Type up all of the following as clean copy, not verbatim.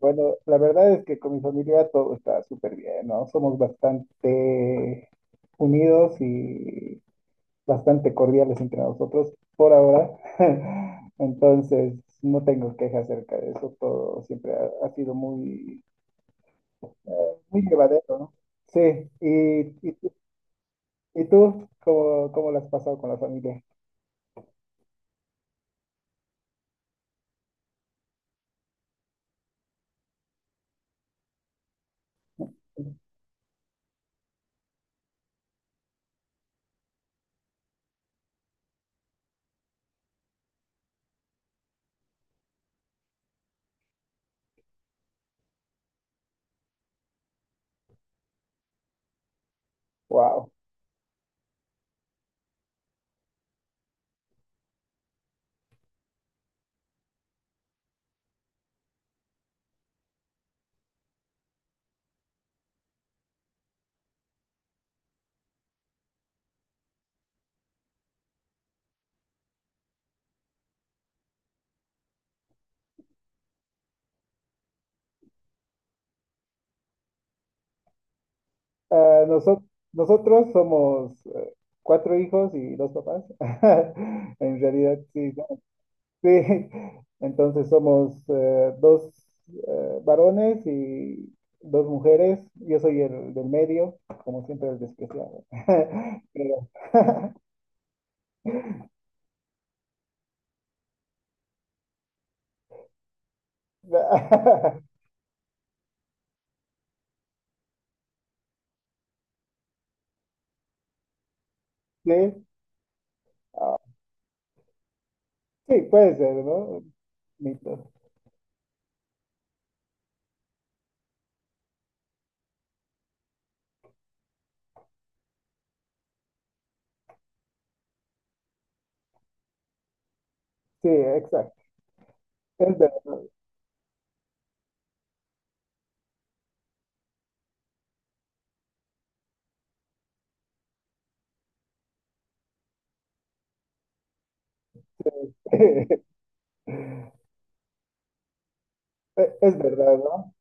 Bueno, la verdad es que con mi familia todo está súper bien, ¿no? Somos bastante unidos y bastante cordiales entre nosotros por ahora. Entonces, no tengo quejas acerca de eso. Todo siempre ha sido muy, muy llevadero, ¿no? Sí, y, y, y tú, ¿cómo, cómo lo has pasado con la familia? Wow. Ah, noso- Nosotros somos cuatro hijos y dos papás. En realidad, sí, sí, entonces somos dos varones y dos mujeres. Yo soy el del medio, como siempre el despreciado. Pero sí, ah, sí, puede ser, ¿no? Mito. Sí, exacto. Es verdad. Es verdad, ¿no?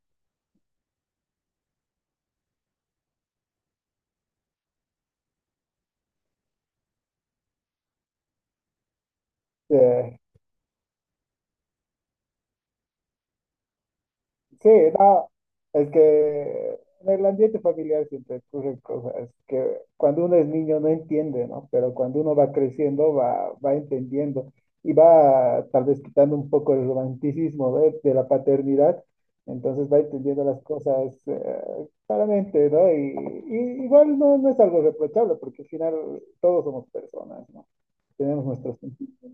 Sí. Sí, no, es que en el ambiente familiar siempre ocurren cosas que cuando uno es niño no entiende, ¿no? Pero cuando uno va creciendo va entendiendo y va tal vez quitando un poco el romanticismo de la paternidad, entonces va entendiendo las cosas claramente, ¿no? Y igual no, no es algo reprochable porque al final todos somos personas, ¿no? Tenemos nuestros sentidos.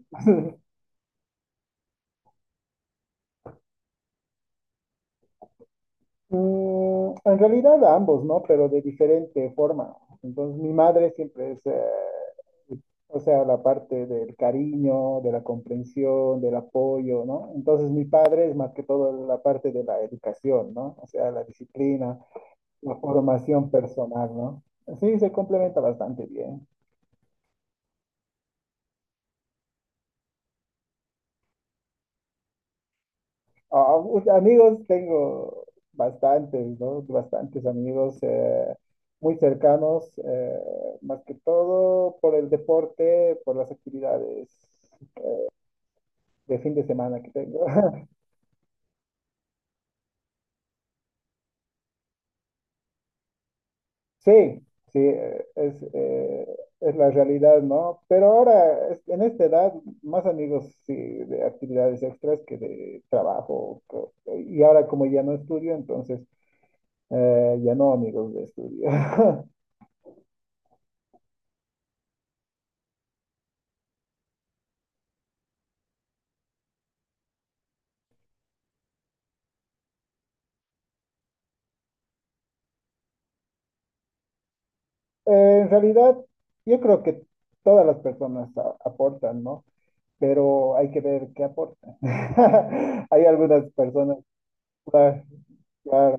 Mm, en realidad a ambos, ¿no? Pero de diferente forma. Entonces, mi madre siempre es, o sea, la parte del cariño, de la comprensión, del apoyo, ¿no? Entonces, mi padre es más que todo la parte de la educación, ¿no? O sea, la disciplina, la formación personal, ¿no? Sí, se complementa bastante bien. Ah, pues, amigos tengo bastantes, ¿no? Bastantes amigos muy cercanos, más que todo por el deporte, por las actividades de fin de semana que tengo. Sí, sí, es la realidad, ¿no? Pero ahora, en esta edad, más amigos, sí, de actividades extras que de trabajo. Y ahora como ya no estudio, entonces ya no amigos de estudio. En realidad, yo creo que todas las personas aportan, ¿no? Pero hay que ver qué aportan. Hay algunas personas, claro, claro,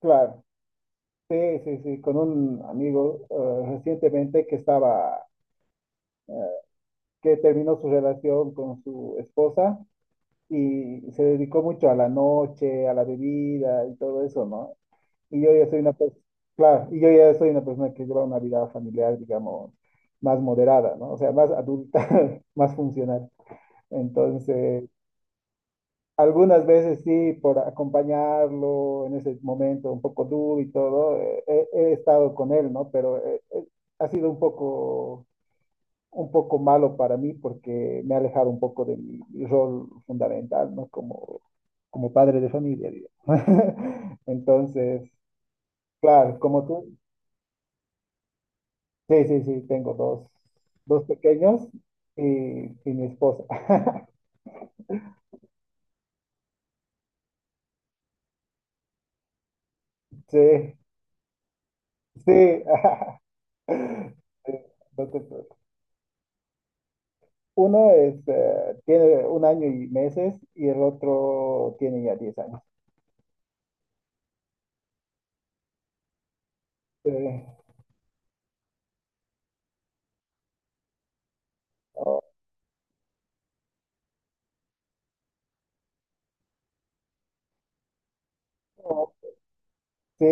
claro. Sí, sí, sí, con un amigo recientemente que estaba, eh, que terminó su relación con su esposa y se dedicó mucho a la noche, a la bebida y todo eso, ¿no? Y yo ya soy una persona, claro, y yo ya soy una persona que lleva una vida familiar, digamos, más moderada, ¿no? O sea, más adulta, más funcional. Entonces, algunas veces sí, por acompañarlo en ese momento un poco duro y todo, he estado con él, ¿no? Pero ha sido un poco malo para mí porque me ha alejado un poco de mi rol fundamental, ¿no? Como, como padre de familia, digamos. Entonces, claro, como tú, sí, sí, sí, tengo dos, dos pequeños y mi esposa. Sí, sí. Sí, no te preocupes. Uno es, tiene 1 año y meses y el otro tiene ya 10 años. Sí, oh, oh, sí,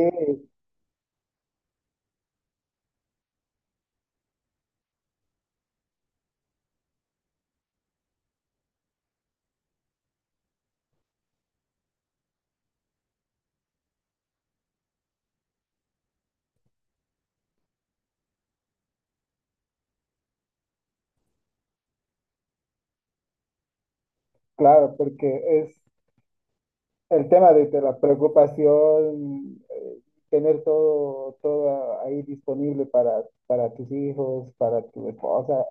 claro, porque es el tema de la preocupación, tener todo, todo ahí disponible para tus hijos, para tu esposa.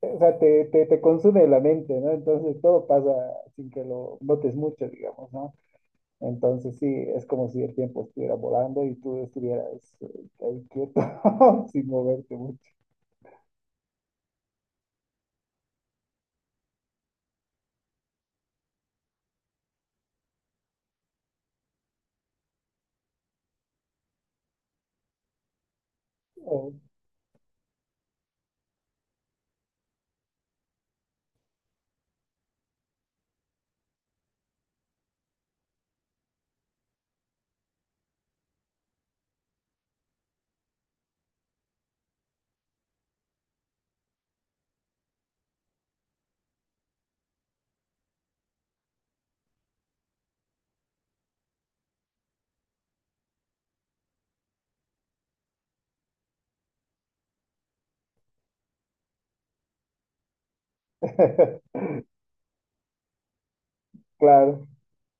O sea, te consume la mente, ¿no? Entonces todo pasa sin que lo notes mucho, digamos, ¿no? Entonces sí, es como si el tiempo estuviera volando y tú estuvieras ahí quieto, sin moverte mucho. Eh, Claro,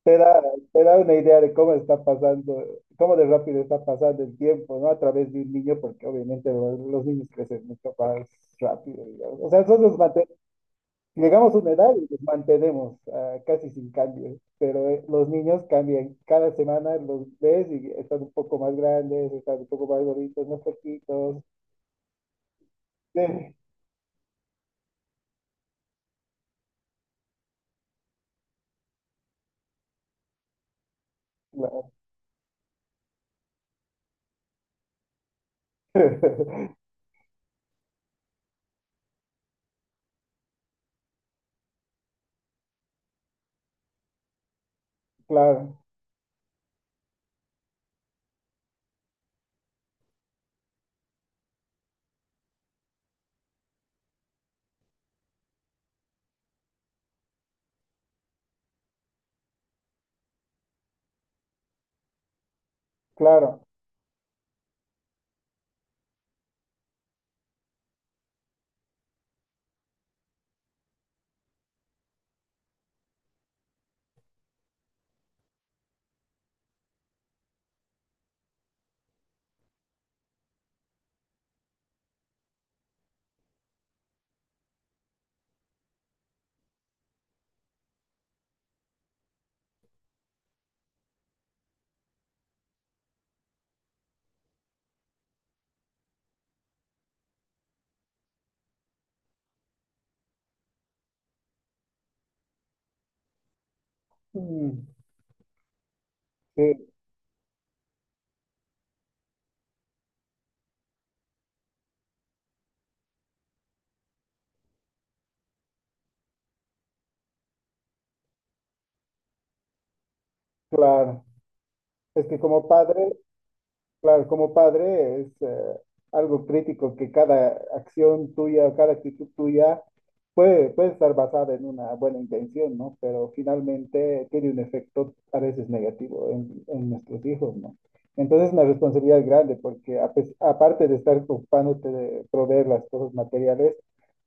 te da, te da una idea de cómo está pasando, cómo de rápido está pasando el tiempo, ¿no? A través de un niño, porque obviamente los niños crecen mucho más rápido, digamos. O sea, nosotros llegamos a una edad y los mantenemos ah, casi sin cambios, pero los niños cambian. Cada semana los ves y están un poco más grandes, están un poco más gorditos, más poquitos. Sí, claro, claro, claro. Mm, sí, claro. Es que como padre, claro, como padre es algo crítico que cada acción tuya, cada actitud tuya puede, puede estar basada en una buena intención, ¿no? Pero finalmente tiene un efecto a veces negativo en nuestros hijos, ¿no? Entonces es una responsabilidad grande porque aparte de estar ocupándote de proveer las cosas materiales,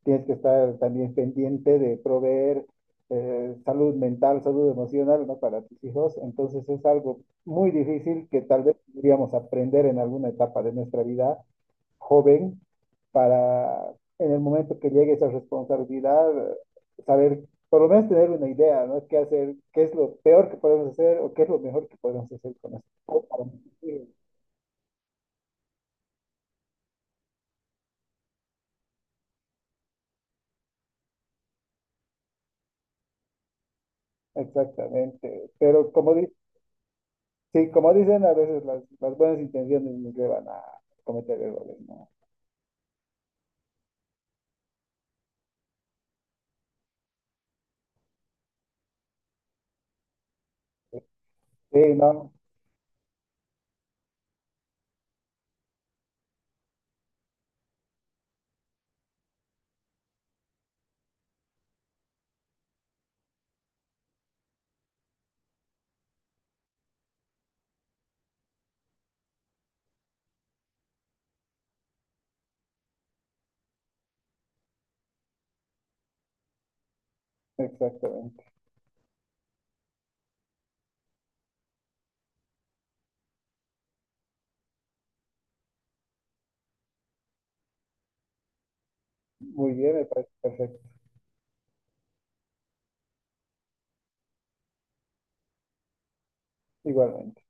tienes que estar también pendiente de proveer salud mental, salud emocional, ¿no? Para tus hijos. Entonces es algo muy difícil que tal vez podríamos aprender en alguna etapa de nuestra vida joven para en el momento que llegue esa responsabilidad, saber, por lo menos tener una idea, ¿no? ¿Qué hacer? ¿Qué es lo peor que podemos hacer o qué es lo mejor que podemos hacer con esto? Exactamente. Pero como, sí, como dicen, a veces las buenas intenciones nos llevan a cometer errores, ¿no? Sí, no, exactamente. Muy bien, me parece perfecto. Igualmente.